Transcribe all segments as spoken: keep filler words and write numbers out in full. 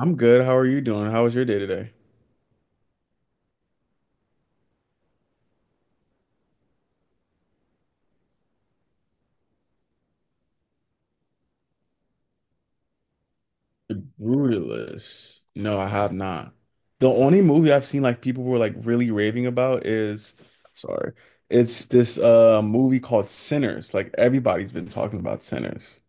I'm good. How are you doing? How was your day today? Brutalist. No, I have not. The only movie I've seen like people were like really raving about is, sorry, it's this uh movie called Sinners. Like everybody's been talking about Sinners.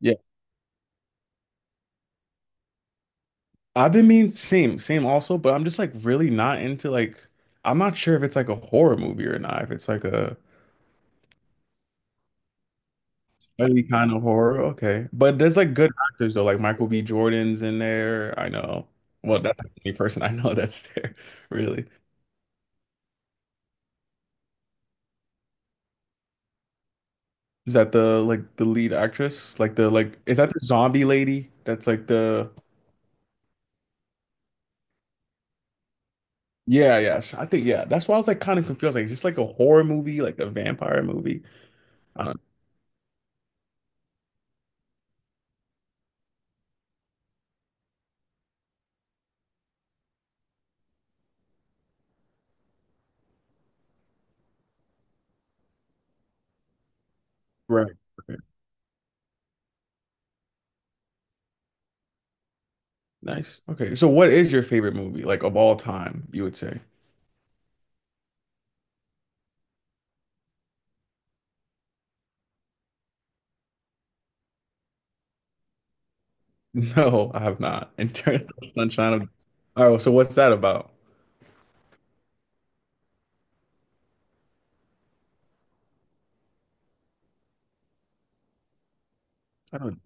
Yeah. I've been mean same, same also, but I'm just like really not into like I'm not sure if it's like a horror movie or not, if it's like a really kind of horror, okay. But there's like good actors though, like Michael B. Jordan's in there. I know. Well, that's the only person I know that's there, really. Is that the like the lead actress? Like the like is that the zombie lady? That's like the yeah, yes. I think yeah. That's why I was like kind of confused. Like, is this like a horror movie, like a vampire movie? I don't know. Right. Okay. Nice. Okay. So what is your favorite movie, like of all time, you would say? No, I have not. Eternal Sunshine of all right, well, so what's that about? I don't.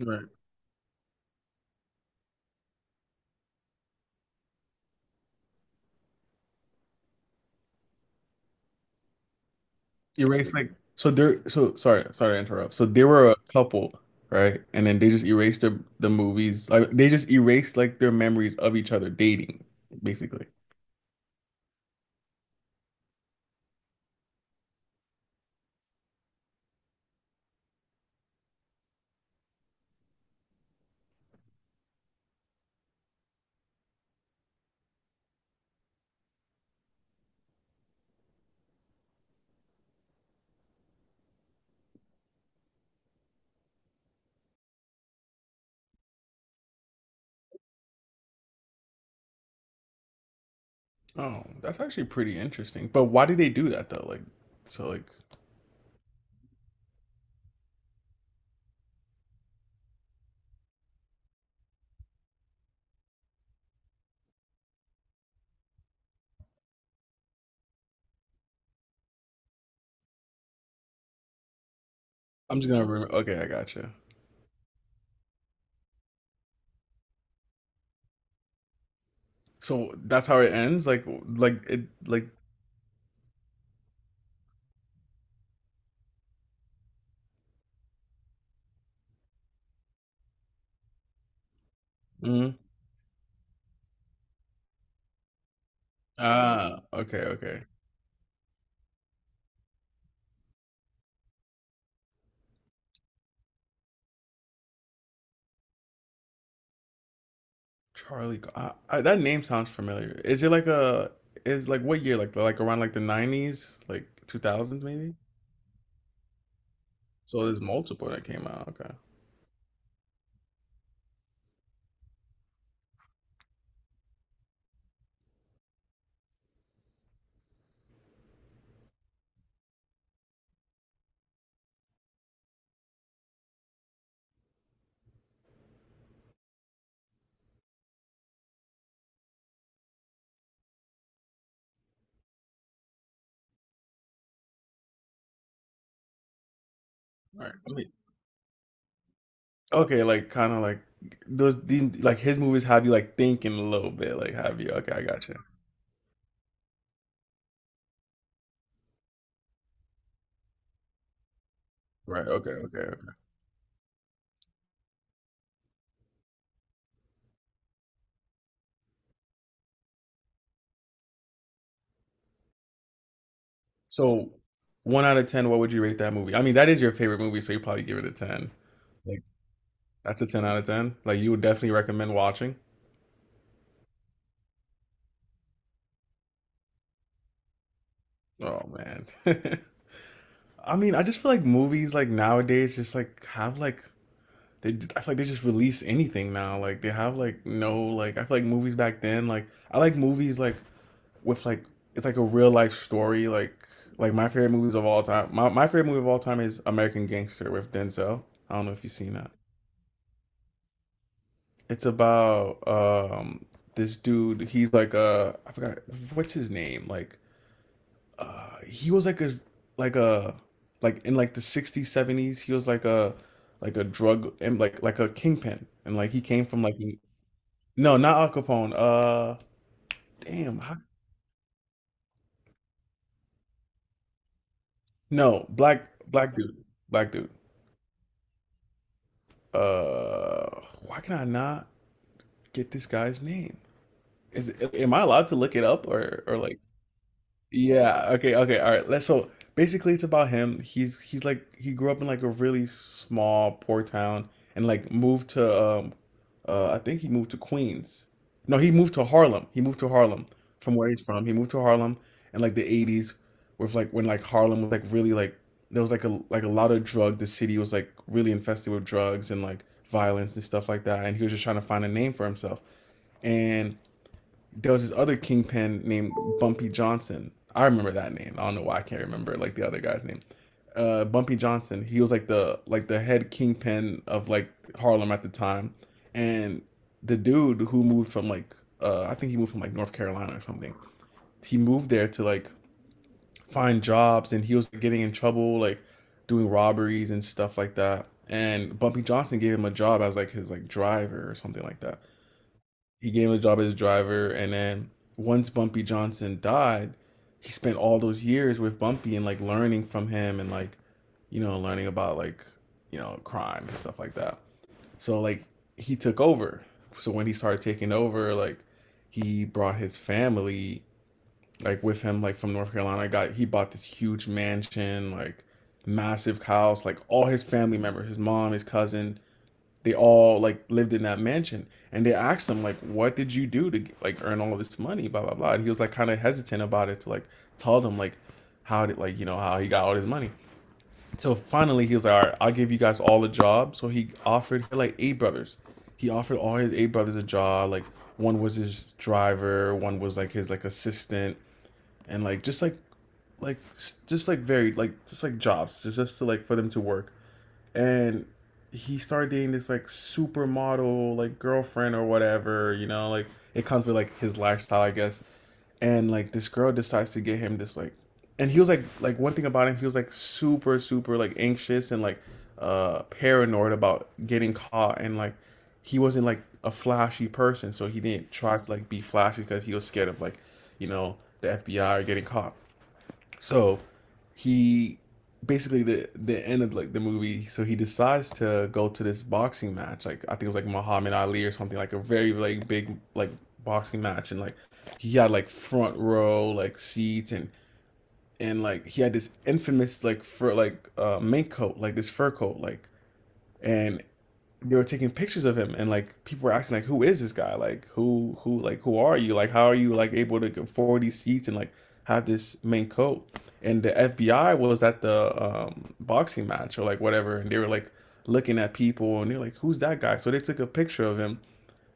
Right. Erased like so there so sorry sorry to interrupt, so they were a couple, right? And then they just erased the the movies, like they just erased like their memories of each other dating basically. Oh, that's actually pretty interesting, but why did they do that though? Like so like I'm just gonna remember, okay, I gotcha. So that's how it ends like like it like mhm. Ah, okay, okay. Charlie Go- I, I, That name sounds familiar. Is it like a is like what year, like like around like the nineties, like two thousands maybe? So there's multiple that came out. Okay. All right, let me- Okay, like kind of like those these like his movies have you like thinking a little bit, like have you? Okay, I got you. Right. Okay. Okay. Okay. So one out of ten, what would you rate that movie? I mean, that is your favorite movie, so you probably give it a ten. Like that's a ten out of ten. Like you would definitely recommend watching. Oh man. I mean, I just feel like movies like nowadays just like have like they I feel like they just release anything now. Like they have like no like I feel like movies back then like I like movies like with like it's like a real life story. Like like my favorite movies of all time. My my favorite movie of all time is American Gangster with Denzel. I don't know if you've seen that. It's about um this dude. He's like a I forgot what's his name. Like uh he was like a like a like in like the sixties seventies he was like a like a drug and like like a kingpin and like he came from like no not Al Capone uh damn how, no black black dude black dude uh, why can I not get this guy's name? Is am I allowed to look it up or or like yeah, okay, okay, all right. Let's so basically it's about him. He's he's like he grew up in like a really small poor town and like moved to um uh I think he moved to Queens. No, he moved to Harlem. He moved to Harlem from where he's from. He moved to Harlem in like the eighties with like when like Harlem was like really like there was like a like a lot of drug. The city was like really infested with drugs and like violence and stuff like that, and he was just trying to find a name for himself. And there was this other kingpin named Bumpy Johnson. I remember that name. I don't know why I can't remember like the other guy's name. Uh, Bumpy Johnson. He was like the like the head kingpin of like Harlem at the time, and the dude who moved from like uh, I think he moved from like North Carolina or something. He moved there to like find jobs, and he was getting in trouble like doing robberies and stuff like that. And Bumpy Johnson gave him a job as like his like driver or something like that. He gave him a job as a driver, and then once Bumpy Johnson died, he spent all those years with Bumpy and like learning from him and like you know learning about like you know crime and stuff like that. So like he took over. So when he started taking over, like he brought his family like with him like from North Carolina. Got he bought this huge mansion, like massive house, like all his family members, his mom, his cousin, they all like lived in that mansion, and they asked him like what did you do to like earn all this money, blah blah blah, and he was like kind of hesitant about it to like tell them like how did like you know how he got all this money. So finally he was like, all right, I'll give you guys all a job. So he offered like eight brothers, he offered all his eight brothers a job, like one was his driver, one was like his like assistant, and like just like like just like very like just like jobs just, just to like for them to work. And he started dating this like supermodel like girlfriend or whatever, you know, like it comes with like his lifestyle I guess. And like this girl decides to get him this like and he was like like one thing about him he was like super super like anxious and like uh paranoid about getting caught and like he wasn't like a flashy person, so he didn't try to like be flashy because he was scared of like you know the FBI or getting caught. So he basically the the end of like the movie, so he decides to go to this boxing match. Like I think it was like Muhammad Ali or something, like a very like big like boxing match, and like he had like front row like seats. and and like he had this infamous like fur like uh mink coat, like this fur coat, like and they were taking pictures of him, and like people were asking like who is this guy, like who who like who are you, like how are you like able to afford these seats and like have this main coat. And the F B I was at the um boxing match or like whatever, and they were like looking at people and they're like who's that guy, so they took a picture of him.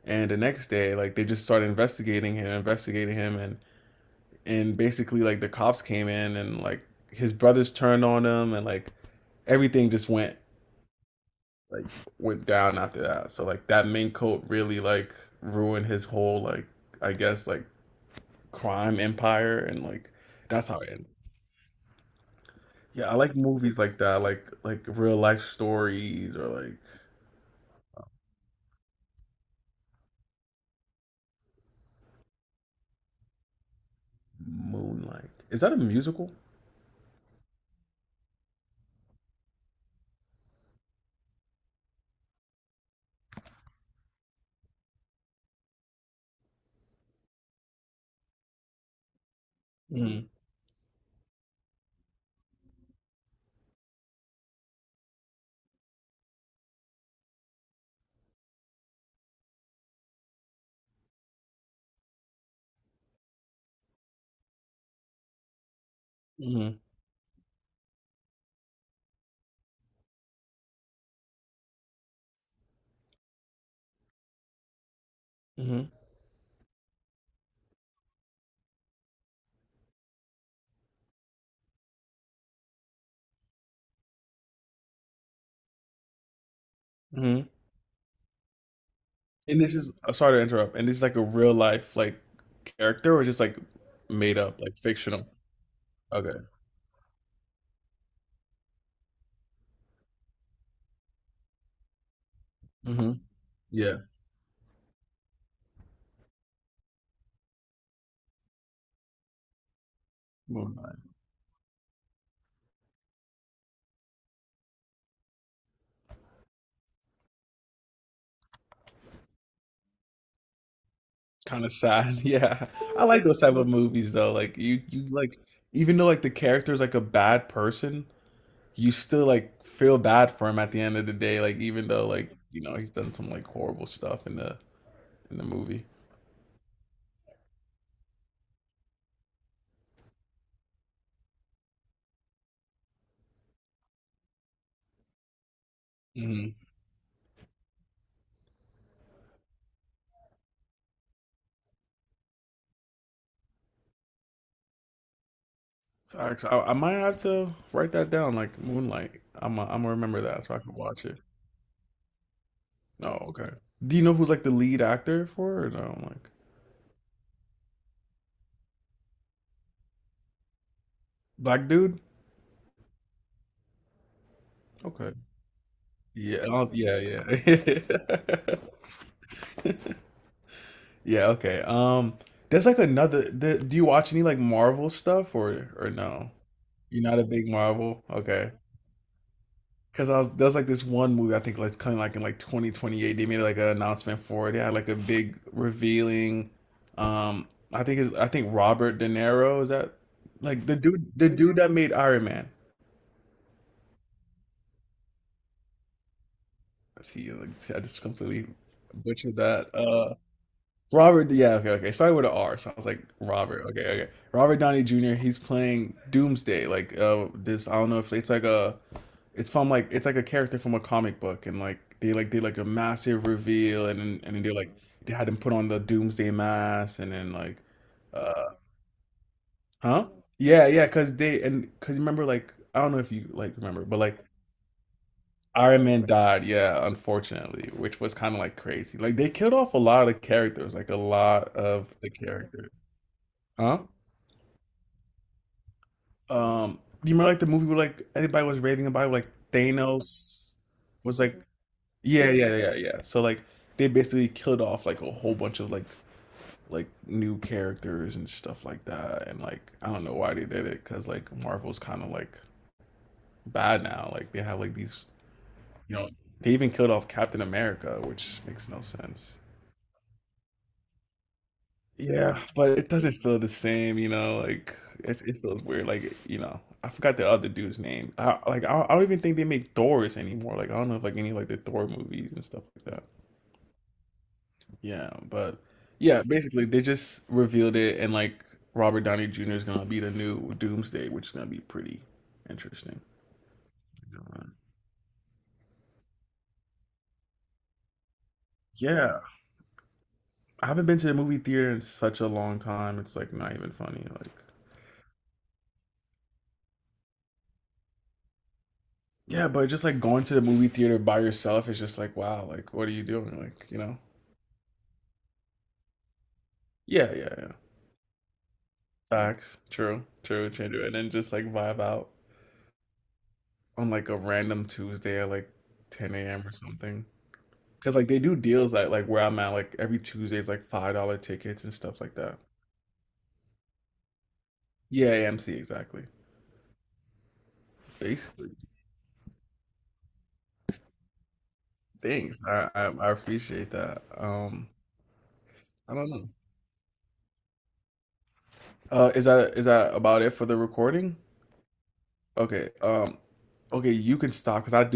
And the next day like they just started investigating him investigating him and and basically like the cops came in and like his brothers turned on him and like everything just went like went down after that. So like that mink coat really like ruined his whole like I guess like crime empire and like that's how it ended. Yeah, I like movies like that, like like real life stories or like Moonlight. Is that a musical? Mm-hmm. Mm-hmm. Mm-hmm. Mm-hmm. And this is uh, sorry to interrupt. And this is like a real life like character or just like made up, like fictional. Okay. Mm-hmm. Yeah. Moonlight. Kind of sad. Yeah. I like those type of movies though. Like you you like even though like the character's like a bad person, you still like feel bad for him at the end of the day, like even though like, you know, he's done some like horrible stuff in the in the movie. Hmm. Facts. I, I might have to write that down, like Moonlight. I'm I am I gonna remember that so I can watch it. Oh, okay. Do you know who's like the lead actor for it? Or no, like black dude? Okay. Yeah. I don't- yeah, yeah. Yeah, okay. Um, there's like another. The, do you watch any like Marvel stuff or or no? You're not a big Marvel. Okay, because I was there's like this one movie I think like kind of like in like twenty twenty-eight they made like an announcement for it. They had like a big revealing. Um, I think it's I think Robert De Niro is that like the dude the dude that made Iron Man. See, like see, I just completely butchered that. uh, Robert, yeah, okay, okay. Started with an R, so I was like Robert. Okay, okay. Robert Downey Junior He's playing Doomsday. Like uh, this, I don't know if it's like a, it's from like it's like a character from a comic book, and like they like did like a massive reveal, and then and then they like they had him put on the Doomsday mask, and then like, uh, huh? Yeah, yeah. Cause they and cause you remember like I don't know if you like remember, but like Iron Man died, yeah, unfortunately, which was kind of like crazy. Like they killed off a lot of characters, like a lot of the characters. Huh? Um, do you remember like the movie where like everybody was raving about like Thanos was like yeah yeah yeah yeah. Yeah. So like they basically killed off like a whole bunch of like like new characters and stuff like that. And like I don't know why they did it, because like Marvel's kind of like bad now. Like they have like these you know they even killed off Captain America, which makes no sense. Yeah, but it doesn't feel the same, you know. Like it's, it feels weird. Like you know, I forgot the other dude's name. I, like I, I don't even think they make Doors anymore. Like I don't know if like any like the Thor movies and stuff like that. Yeah, but yeah, basically they just revealed it, and like Robert Downey Junior is gonna be the new Doomsday, which is gonna be pretty interesting. Yeah, I haven't been to the movie theater in such a long time. It's like not even funny. Like yeah, but just like going to the movie theater by yourself is just like, wow, like what are you doing? Like, you know? Yeah, yeah, yeah. Facts. True. True. True. And then just like vibe out on like a random Tuesday at like ten a m or something. Because like they do deals like like where I'm at, like every Tuesday is like five dollar tickets and stuff like that. Yeah, A M C exactly. Basically. Thanks. I, I I appreciate that. Um, I don't know. Uh, is that is that about it for the recording? Okay. Um, okay, you can stop because I do